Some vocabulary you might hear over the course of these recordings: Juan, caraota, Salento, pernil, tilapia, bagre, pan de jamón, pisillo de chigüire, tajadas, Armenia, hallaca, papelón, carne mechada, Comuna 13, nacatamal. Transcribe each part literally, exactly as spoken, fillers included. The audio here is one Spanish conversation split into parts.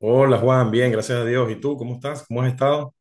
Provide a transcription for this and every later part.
Hola Juan, bien, gracias a Dios. ¿Y tú cómo estás? ¿Cómo has estado?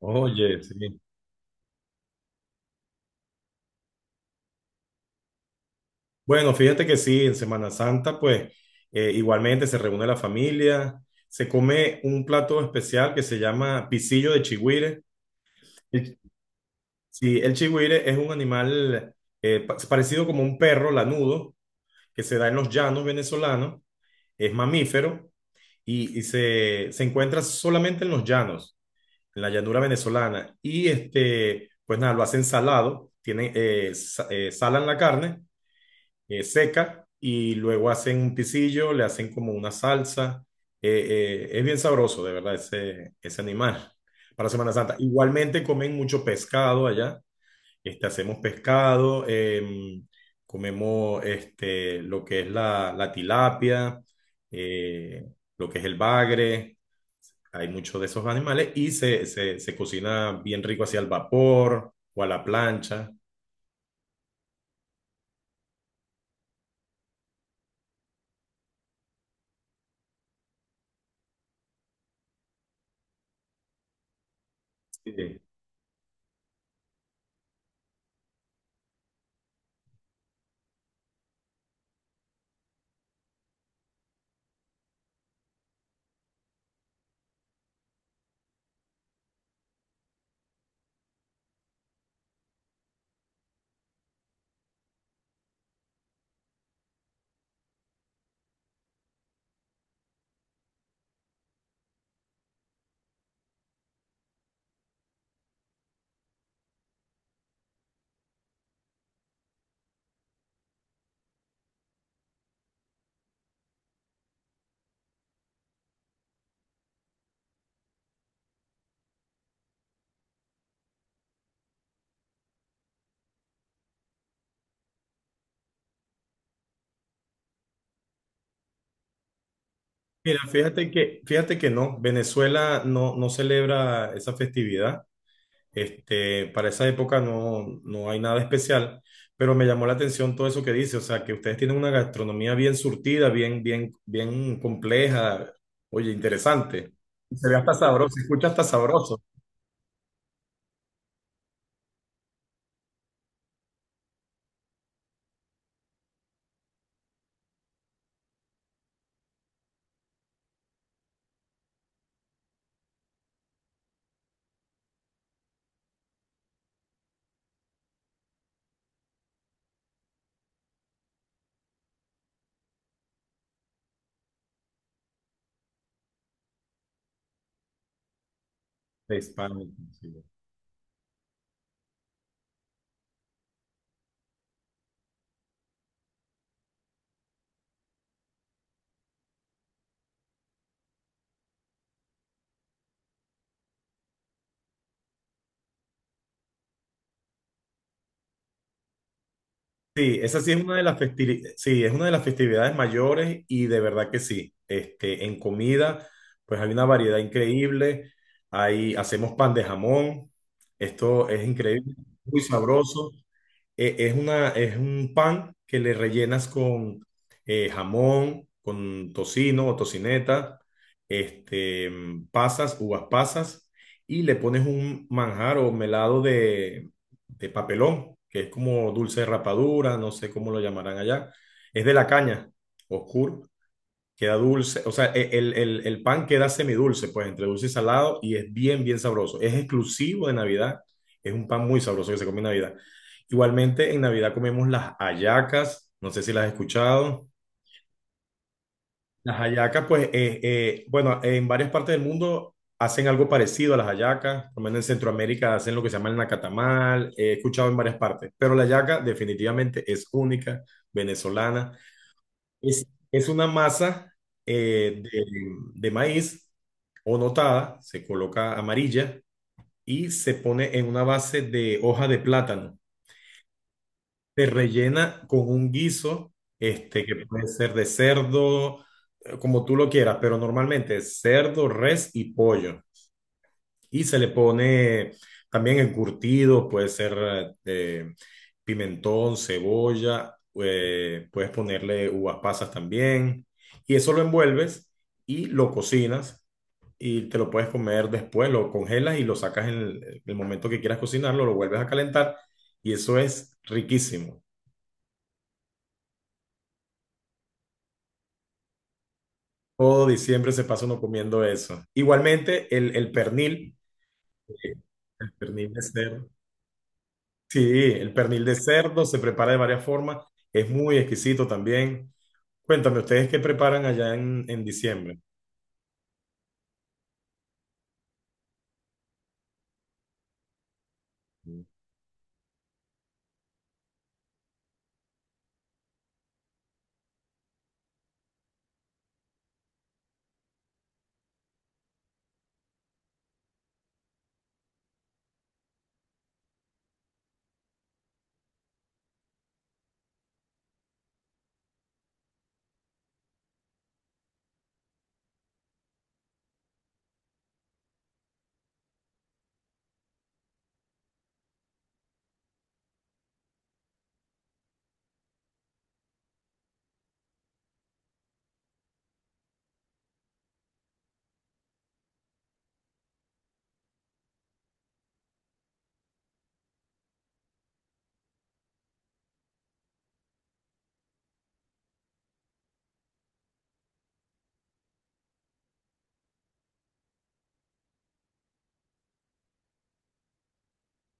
Oye, sí. Bueno, fíjate que sí, en Semana Santa, pues eh, igualmente se reúne la familia, se come un plato especial que se llama pisillo de chigüire. El- Sí, el chigüire es un animal eh, pa- parecido como un perro lanudo que se da en los llanos venezolanos, es mamífero y, y se, se encuentra solamente en los llanos, en la llanura venezolana. Y este, pues nada, lo hacen salado, tienen, eh, sa- eh, salan la carne eh, seca y luego hacen un pisillo, le hacen como una salsa. Eh, eh, es bien sabroso, de verdad, ese, ese animal para Semana Santa. Igualmente comen mucho pescado allá. Este, hacemos pescado, em, comemos este, lo que es la, la tilapia, eh, lo que es el bagre. Hay muchos de esos animales y se, se, se cocina bien rico hacia el vapor o a la plancha. Sí. Mira, fíjate que, fíjate que no, Venezuela no, no celebra esa festividad. Este, para esa época no, no hay nada especial, pero me llamó la atención todo eso que dice, o sea, que ustedes tienen una gastronomía bien surtida, bien, bien, bien compleja, oye, interesante. Se ve hasta sabroso, se escucha hasta sabroso. Hispánico, sí. Sí, esa sí es una de las festivi- sí, es una de las festividades mayores y de verdad que sí. Este, en comida, pues hay una variedad increíble. Ahí hacemos pan de jamón. Esto es increíble, muy sabroso. Eh, es una, es un pan que le rellenas con eh, jamón, con tocino o tocineta, este, mm, pasas, uvas pasas, y le pones un manjar o melado de, de papelón, que es como dulce de rapadura, no sé cómo lo llamarán allá. Es de la caña, oscuro. Queda dulce, o sea, e- el, el, el pan queda semidulce, pues entre dulce y salado, y es bien, bien sabroso. Es exclusivo de Navidad, es un pan muy sabroso que se come en Navidad. Igualmente, en Navidad comemos las hallacas, no sé si las has escuchado. Las hallacas, pues, eh, eh, bueno, en varias partes del mundo hacen algo parecido a las hallacas, por lo menos en Centroamérica hacen lo que se llama el nacatamal, he escuchado en varias partes, pero la hallaca definitivamente es única, venezolana. Es, es una masa eh, de, de maíz o notada, se coloca amarilla y se pone en una base de hoja de plátano. Se rellena con un guiso, este, que puede ser de cerdo, eh, como tú lo quieras, pero normalmente es cerdo, res y pollo. Y se le pone también encurtido, puede ser eh, pimentón, cebolla, eh, puedes ponerle uvas pasas también. Y eso lo envuelves y lo cocinas y te lo puedes comer después, lo congelas y lo sacas en el, el momento que quieras cocinarlo, lo vuelves a calentar y eso es riquísimo. Todo diciembre se pasa uno comiendo eso. Igualmente, el, el pernil, eh, el pernil de cerdo. Sí, el pernil de cerdo se prepara de varias formas, es muy exquisito también. Cuéntame, ¿ustedes qué preparan allá en, en diciembre?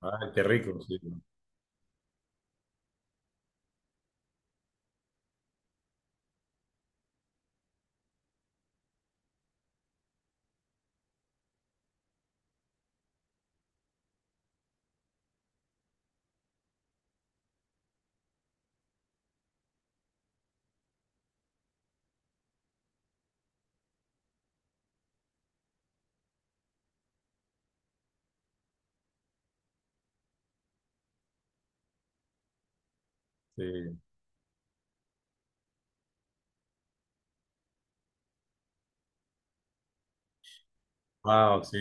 Ay, qué rico, sí. Sí. Wow, sí.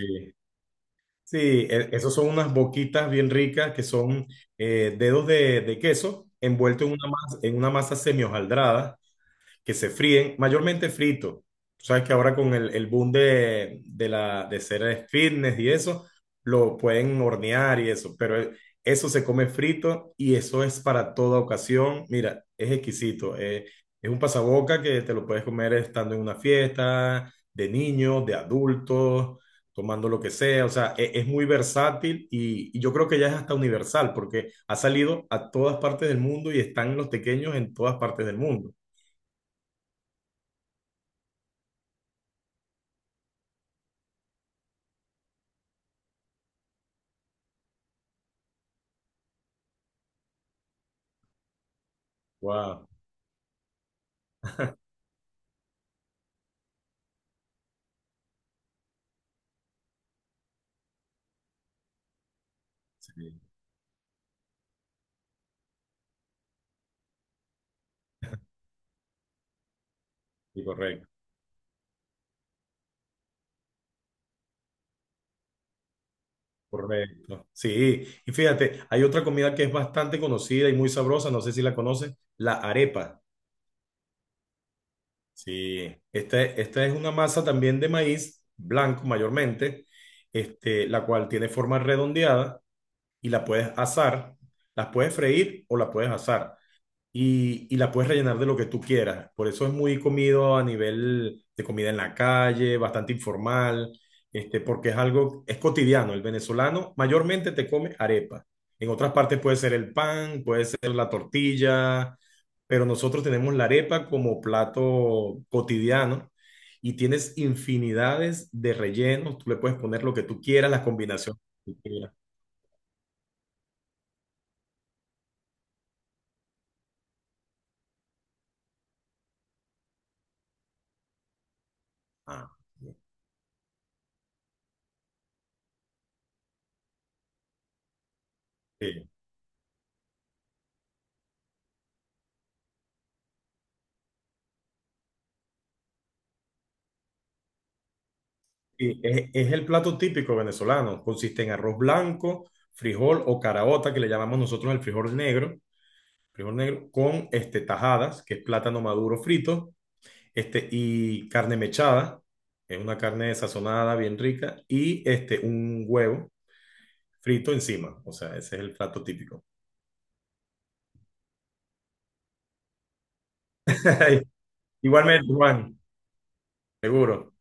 Sí, e- esos son unas boquitas bien ricas que son eh, dedos de, de queso envueltos en una masa, en una masa semi hojaldrada que se fríen, mayormente frito. Tú sabes que ahora con el, el boom de, de, la, de ser fitness y eso, lo pueden hornear y eso, pero e- eso se come frito y eso es para toda ocasión. Mira, es exquisito. Eh, es un pasaboca que te lo puedes comer estando en una fiesta, de niños, de adultos, tomando lo que sea. O sea, e- es muy versátil y, y yo creo que ya es hasta universal porque ha salido a todas partes del mundo y están los pequeños en todas partes del mundo. Wow. Sí, sí, correcto, correcto. Sí, y fíjate, hay otra comida que es bastante conocida y muy sabrosa, no sé si la conoces, la arepa. Sí, esta, esta es una masa también de maíz blanco mayormente, este, la cual tiene forma redondeada y la puedes asar, las puedes freír o la puedes asar, y, y la puedes rellenar de lo que tú quieras. Por eso es muy comido a nivel de comida en la calle, bastante informal, este, porque es algo, es cotidiano. El venezolano mayormente te come arepa. En otras partes puede ser el pan, puede ser la tortilla, pero nosotros tenemos la arepa como plato cotidiano y tienes infinidades de rellenos. Tú le puedes poner lo que tú quieras, las combinaciones que tú quieras. Ah, sí. Sí, es, es el plato típico venezolano. Consiste en arroz blanco, frijol o caraota, que le llamamos nosotros el frijol negro, frijol negro con este, tajadas, que es plátano maduro frito, este, y carne mechada, es una carne sazonada bien rica, y este, un huevo frito encima. O sea, ese es el plato típico. Igualmente, Juan, seguro.